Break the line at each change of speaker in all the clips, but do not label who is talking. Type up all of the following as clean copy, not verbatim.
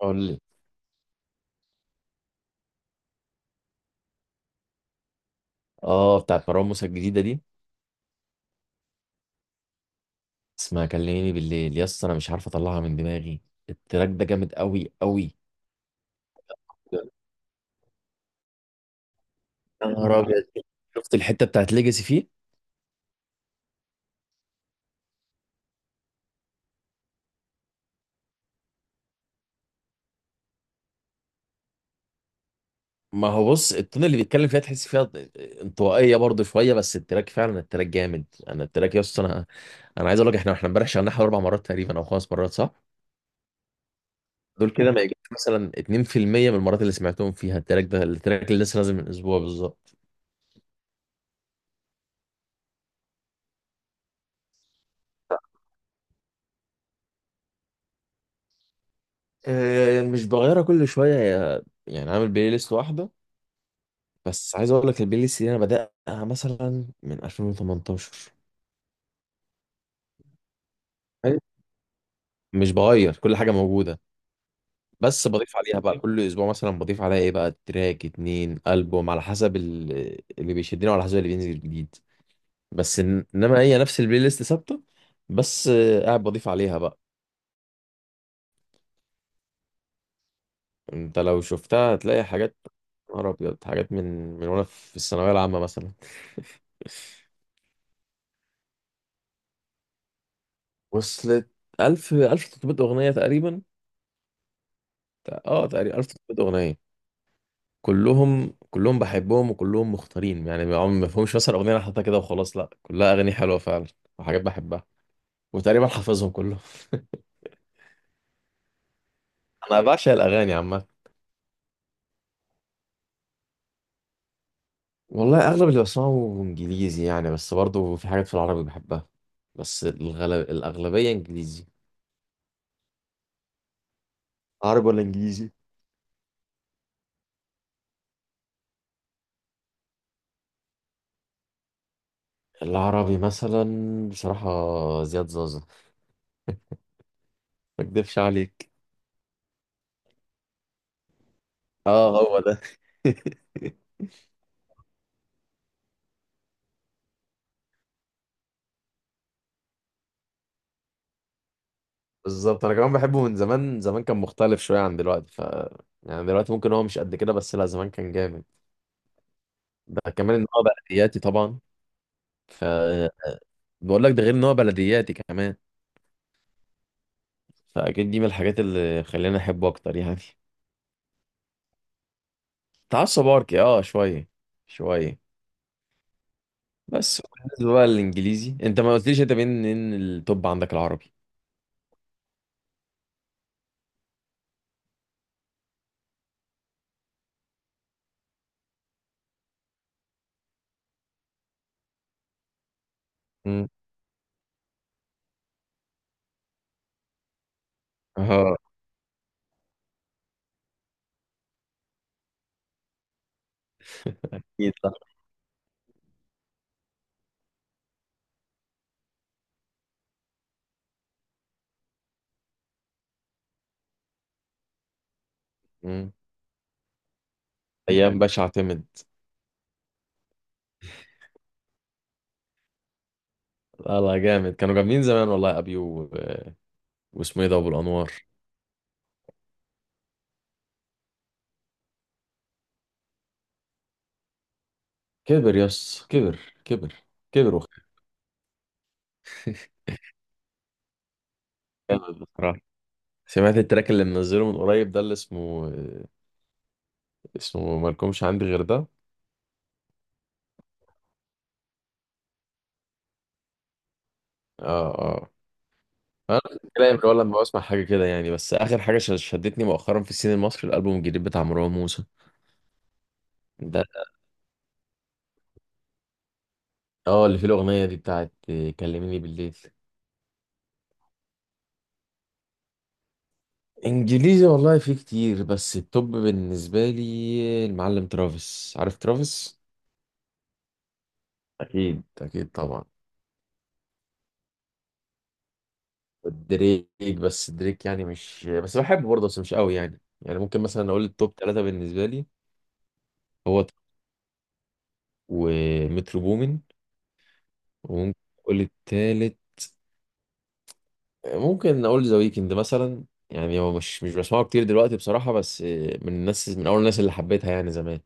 قول لي. اه، بتاعت مروان موسى الجديدة دي اسمها كلميني بالليل يا اسطى، انا مش عارف اطلعها من دماغي. التراك ده جامد قوي قوي. يا نهار ابيض، شفت الحتة بتاعت ليجاسي فيه. ما هو بص، التون اللي بيتكلم فيها تحس فيها انطوائية برضه شوية، بس التراك فعلا، التراك جامد انا التراك يا اسطى انا انا عايز اقول لك احنا امبارح شغلناه حوالي اربع مرات تقريبا او خمس مرات، صح؟ دول كده ما يجيش مثلا 2% من المرات اللي سمعتهم فيها. التراك ده، التراك اللي لسه نازل من اسبوع بالظبط. مش بغيرها كل شويه، يعني عامل بلاي ليست واحده. بس عايز اقول لك البلاي ليست دي انا بدأها مثلا من 2018. أيوة، مش بغير كل حاجة موجودة، بس بضيف عليها بقى كل اسبوع، مثلا بضيف عليها ايه بقى، تراك، اتنين، ألبوم، على حسب اللي بيشدني وعلى حسب اللي بينزل جديد. بس انما هي نفس البلاي ليست ثابتة. بس قاعد بضيف عليها بقى. انت لو شفتها هتلاقي حاجات، يا نهار ابيض، حاجات من وانا في الثانوية العامة مثلا. وصلت 1000، 1300 أغنية تقريبا. اه تقريبا 1300 أغنية. كلهم بحبهم، وكلهم مختارين. يعني ما فيهمش مثلا اغنيه انا حاططها كده وخلاص، لا، كلها اغاني حلوه فعلا وحاجات بحبها، وتقريبا حافظهم كلهم. انا بعشق الاغاني عامه. والله اغلب اللي بسمعه انجليزي، يعني بس برضه في حاجات في العربي بحبها. بس الغلب، الاغلبيه انجليزي. عربي ولا انجليزي؟ العربي مثلا، بصراحه، زياد زازا. ما اكدبش عليك، اه هو ده. بالظبط، انا كمان بحبه من زمان. زمان كان مختلف شويه عن دلوقتي، ف يعني دلوقتي ممكن هو مش قد كده، بس لا، زمان كان جامد. ده كمان ان هو بلدياتي طبعا. ف بقول لك، ده غير ان هو بلدياتي كمان، فاكيد دي من الحاجات اللي خلاني احبه اكتر يعني. تعصب اركي، اه شويه، شويه. بس بالنسبه بقى للانجليزي، انت ما قلتليش انت مين التوب عندك العربي. امم. اه، اكيد صح. امم. ايام باشا اعتمد. لا لا جامد، كانوا جامدين زمان والله، ابيو و... واسمه ايه ده، ابو الانوار. كبر يس كبر، كبر، كبر وخ- جامد بصراحة. سمعت التراك اللي منزله من قريب ده، اللي اسمه مالكمش عندي غير ده. اه اه، انا كلام ولا لما بسمع حاجه كده يعني. بس اخر حاجه شدتني مؤخرا في السين المصري، الالبوم الجديد بتاع مروان موسى ده. اه، اللي فيه الاغنيه دي بتاعت كلميني بالليل. انجليزي والله في كتير، بس التوب بالنسبه لي المعلم ترافيس، عارف ترافيس؟ اكيد اكيد طبعا. دريك، بس دريك يعني مش بس بحبه برضه، بس مش قوي يعني ممكن مثلا اقول التوب ثلاثة بالنسبة لي. هو ت- ومترو بومن، وممكن اقول التالت، ممكن اقول ذا ويكند مثلا. يعني هو مش بسمعه كتير دلوقتي بصراحة، بس من الناس، من اول الناس اللي حبيتها يعني زمان.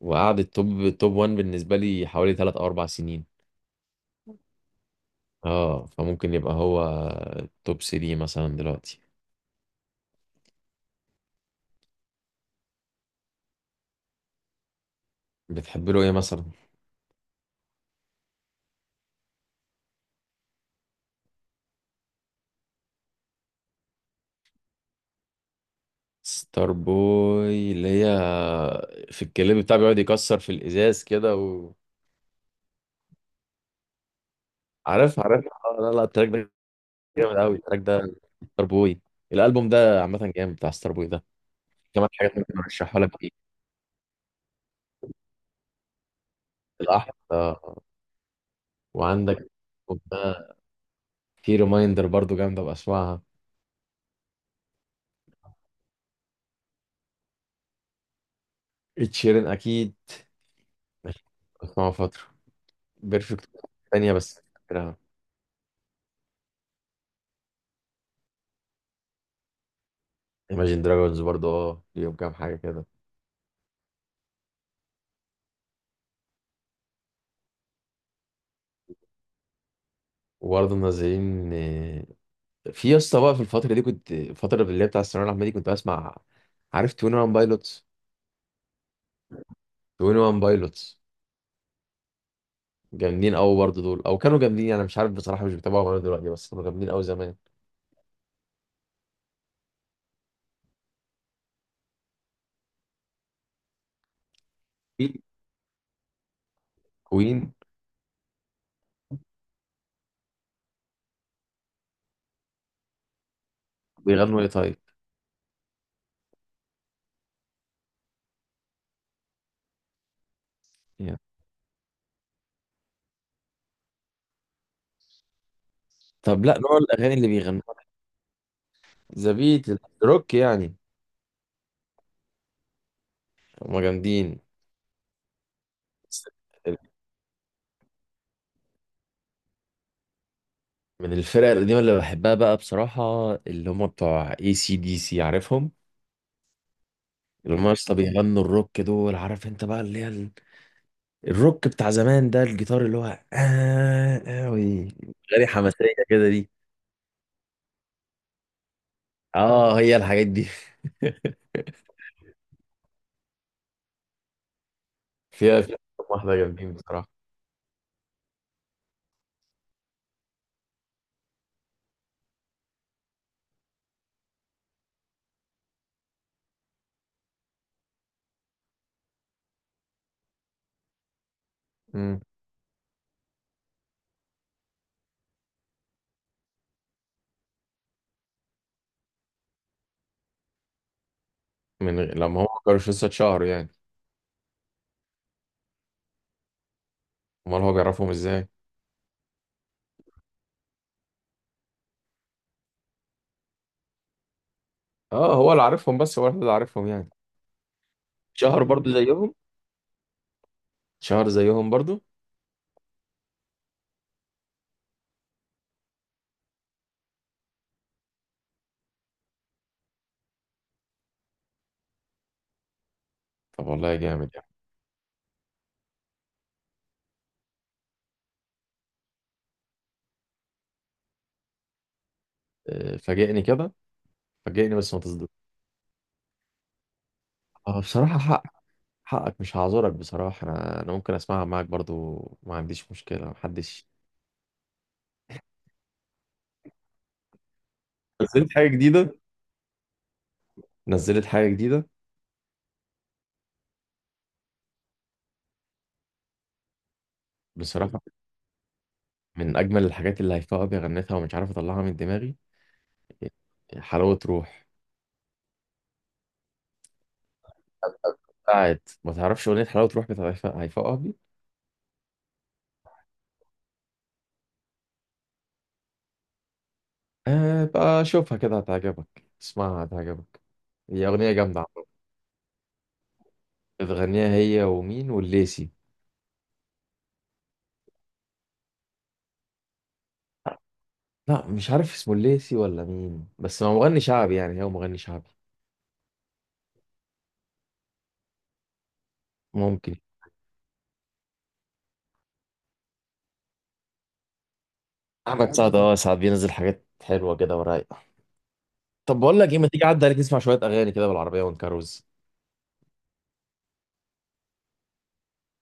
وقعد التوب، توب 1 بالنسبة لي حوالي 3 او 4 سنين. اه، فممكن يبقى هو توب 3 مثلا دلوقتي. بتحب له ايه مثلا؟ ستار بوي اللي هي في الكليب بتاعه بيقعد يكسر في الازاز كده و... عارف عارف، آه، لا لا، التراك ده جامد قوي، التراك ده ستار بوي. الالبوم ده عامه جامد، بتاع ستار بوي ده. كمان حاجات ممكن ارشحها لك، ايه؟ الاحمر، آه. وعندك ده، في ريمايندر برضو جامده بسمعها. اتشيرن اكيد، بسمعه فتره. بيرفكت تانية بس. ايماجين دراجونز برضو، اه ليهم كام حاجه كده. وبرضه منزلين. في يا اسطى، بقى في الفترة دي كنت، الفترة اللي هي بتاع الثانوية العامة دي، كنت بسمع، عارف 21 بايلوتس؟ 21 بايلوتس جامدين قوي برضه دول، او كانوا جامدين. انا مش عارف بصراحة، مش بتابعهم انا دلوقتي، بس كانوا جامدين قوي زمان. في كوين. بيغنوا ايه طيب؟ يعني. طب لا، نوع الاغاني اللي بيغنوها ذا بيت، الروك يعني. هما جامدين. بس من الفرق القديمة اللي بحبها بقى بصراحة، اللي هم بتوع اي سي دي سي، عارفهم؟ اللي هم يا اسطى بيغنوا الروك، دول عارف انت بقى، اللي هي الروك بتاع زمان ده، الجيتار اللي هو آه أوي، غني حماسية كده دي. اه هي الحاجات دي. فيها كام واحدة جامدين بصراحة. مم. لما هم كانوش لسه اتشهروا يعني. امال هو بيعرفهم ازاي؟ اه هو اللي عارفهم، بس هو الوحيد اللي عارفهم يعني. شهر برضو زيهم. شهر زيهم برضو. طب والله جامد يعني. آه، فاجئني كده، فاجئني بس ما تصدق. اه بصراحة، حقك مش هعذرك بصراحة. انا انا ممكن اسمعها معاك برضو، ما عنديش مشكلة محدش. نزلت حاجة جديدة؟ نزلت حاجة جديدة بصراحة من أجمل الحاجات اللي هيفاء أبي غنتها، ومش عارف أطلعها من دماغي. حلاوة روح. بتاعت، ما تعرفش أغنية حلاوة روح بتاعت هيفاء أبي. آه بقى شوفها كده، هتعجبك، اسمعها هتعجبك. هي أغنية جامدة عامة. بتغنيها هي ومين، والليسي. لا مش عارف اسمه الليسي ولا مين، بس هو مغني شعبي يعني، هو مغني شعبي. ممكن. أحمد سعد، أه ساعات بينزل حاجات حلوة كده ورايقة. طب بقول لك إيه، ما تيجي عدى عليك نسمع شوية أغاني كده بالعربية ونكروز.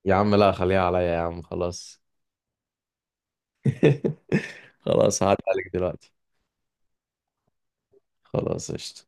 يا عم لا خليها عليا يا عم، خلاص. خلاص هعدي عليك دلوقتي. خلاص قشطة.